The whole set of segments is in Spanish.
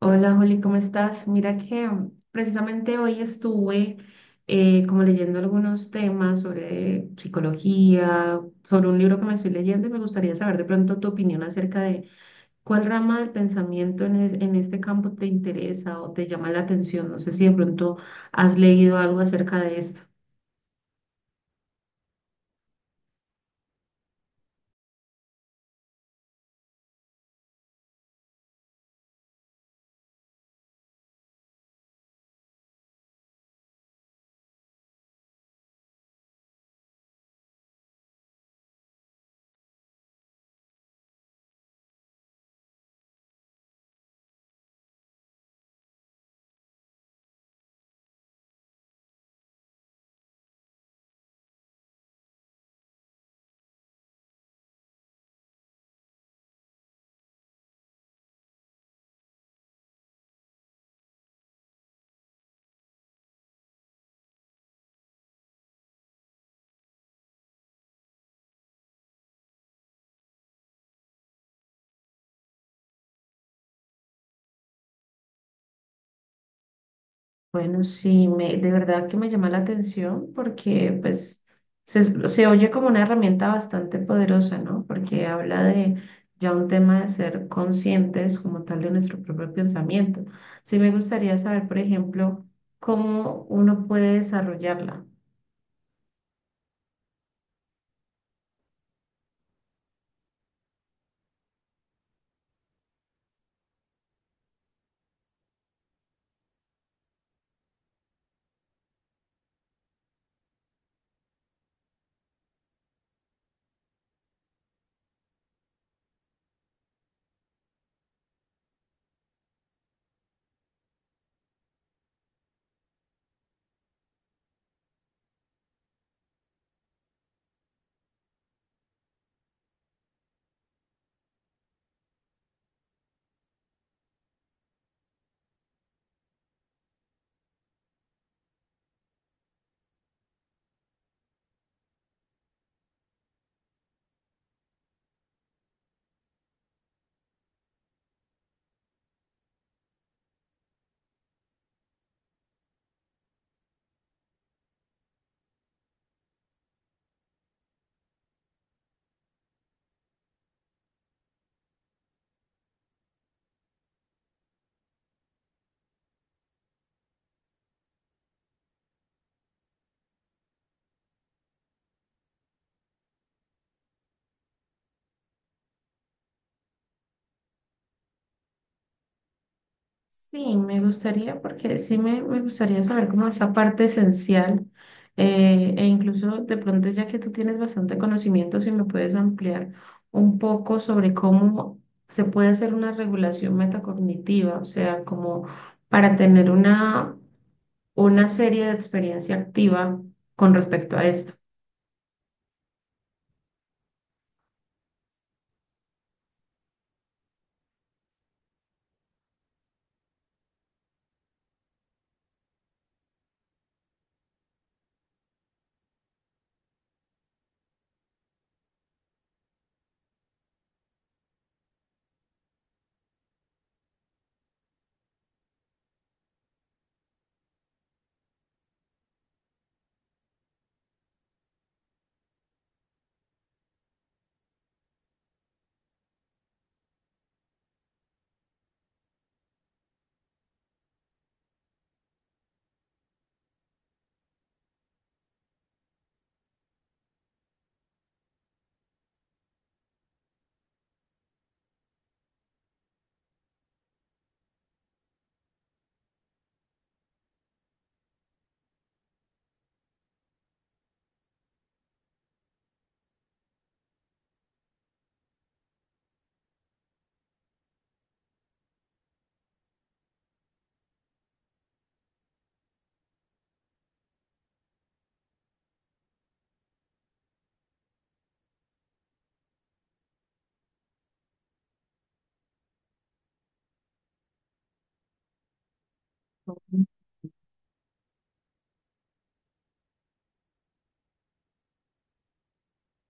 Hola Juli, ¿cómo estás? Mira que precisamente hoy estuve como leyendo algunos temas sobre psicología, sobre un libro que me estoy leyendo y me gustaría saber de pronto tu opinión acerca de cuál rama del pensamiento en este campo te interesa o te llama la atención. No sé si de pronto has leído algo acerca de esto. Bueno, sí, de verdad que me llama la atención porque pues se oye como una herramienta bastante poderosa, ¿no? Porque habla de ya un tema de ser conscientes como tal de nuestro propio pensamiento. Sí me gustaría saber, por ejemplo, cómo uno puede desarrollarla. Sí, me gustaría, porque sí me gustaría saber cómo esa parte esencial, e incluso de pronto ya que tú tienes bastante conocimiento, si me puedes ampliar un poco sobre cómo se puede hacer una regulación metacognitiva, o sea, como para tener una serie de experiencia activa con respecto a esto.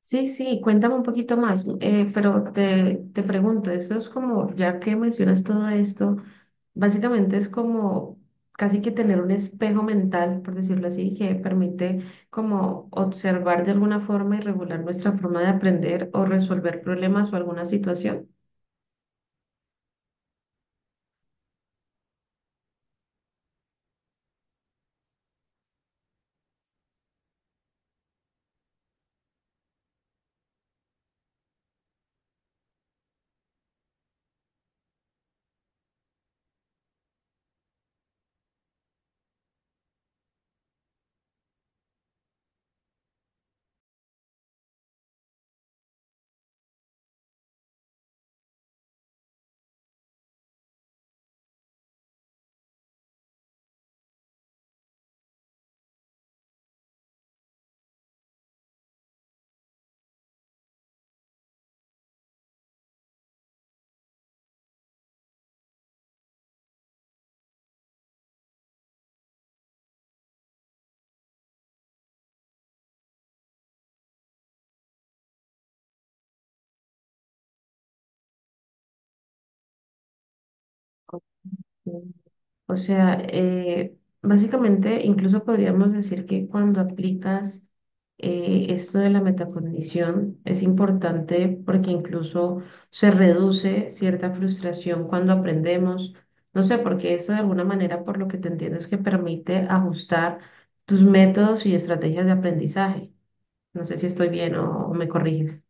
Sí, sí, cuéntame un poquito más, pero te pregunto, eso es como, ya que mencionas todo esto, básicamente es como casi que tener un espejo mental, por decirlo así, que permite como observar de alguna forma y regular nuestra forma de aprender o resolver problemas o alguna situación. O sea, básicamente, incluso podríamos decir que cuando aplicas esto de la metacondición es importante porque incluso se reduce cierta frustración cuando aprendemos. No sé, porque eso de alguna manera, por lo que te entiendo, es que permite ajustar tus métodos y estrategias de aprendizaje. No sé si estoy bien o me corriges.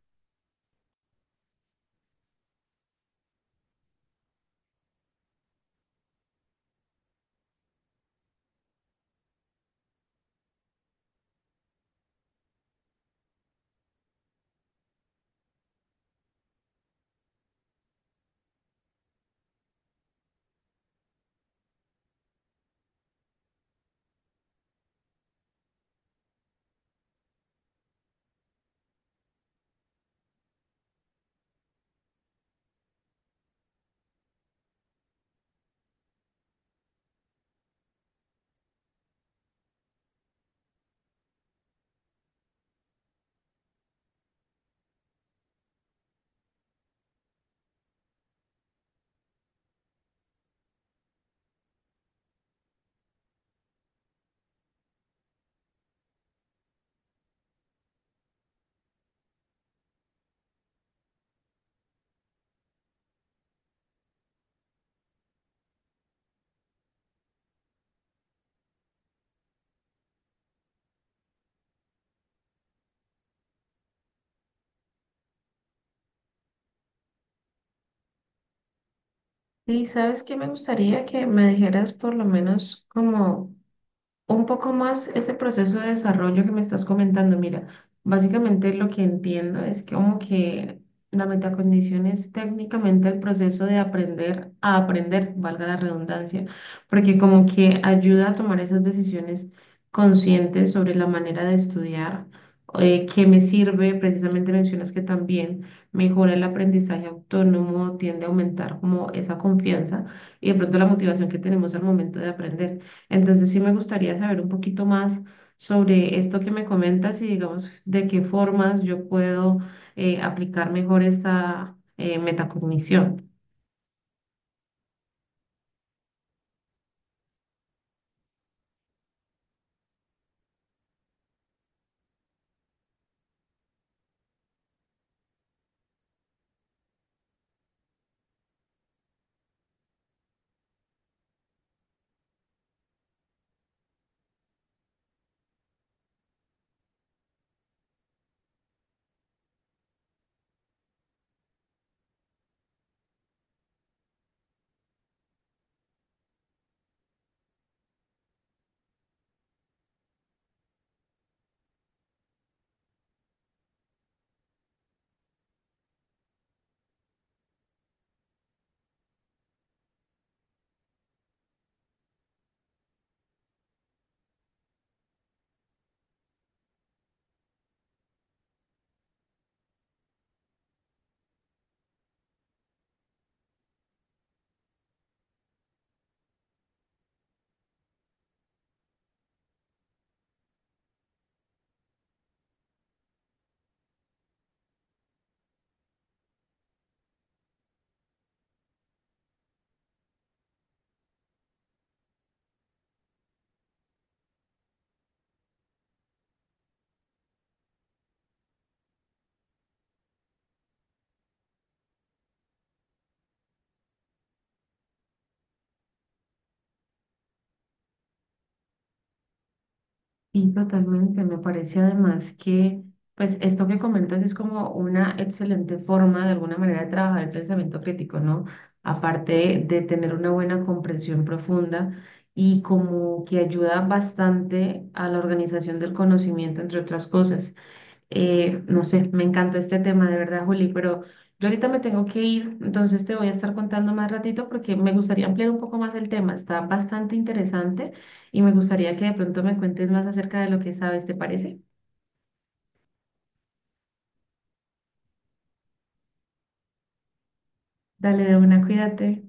Sí, ¿sabes qué me gustaría que me dijeras por lo menos como un poco más ese proceso de desarrollo que me estás comentando? Mira, básicamente lo que entiendo es que como que la metacondición es técnicamente el proceso de aprender a aprender, valga la redundancia, porque como que ayuda a tomar esas decisiones conscientes sobre la manera de estudiar. Que me sirve, precisamente mencionas que también mejora el aprendizaje autónomo, tiende a aumentar como esa confianza y de pronto la motivación que tenemos al momento de aprender. Entonces sí me gustaría saber un poquito más sobre esto que me comentas y digamos de qué formas yo puedo aplicar mejor esta metacognición. Y totalmente, me parece además que pues esto que comentas es como una excelente forma de alguna manera de trabajar el pensamiento crítico, ¿no? Aparte de tener una buena comprensión profunda y como que ayuda bastante a la organización del conocimiento, entre otras cosas. No sé, me encantó este tema, de verdad, Juli, pero yo ahorita me tengo que ir, entonces te voy a estar contando más ratito porque me gustaría ampliar un poco más el tema. Está bastante interesante y me gustaría que de pronto me cuentes más acerca de lo que sabes, ¿te parece? Dale de una, cuídate.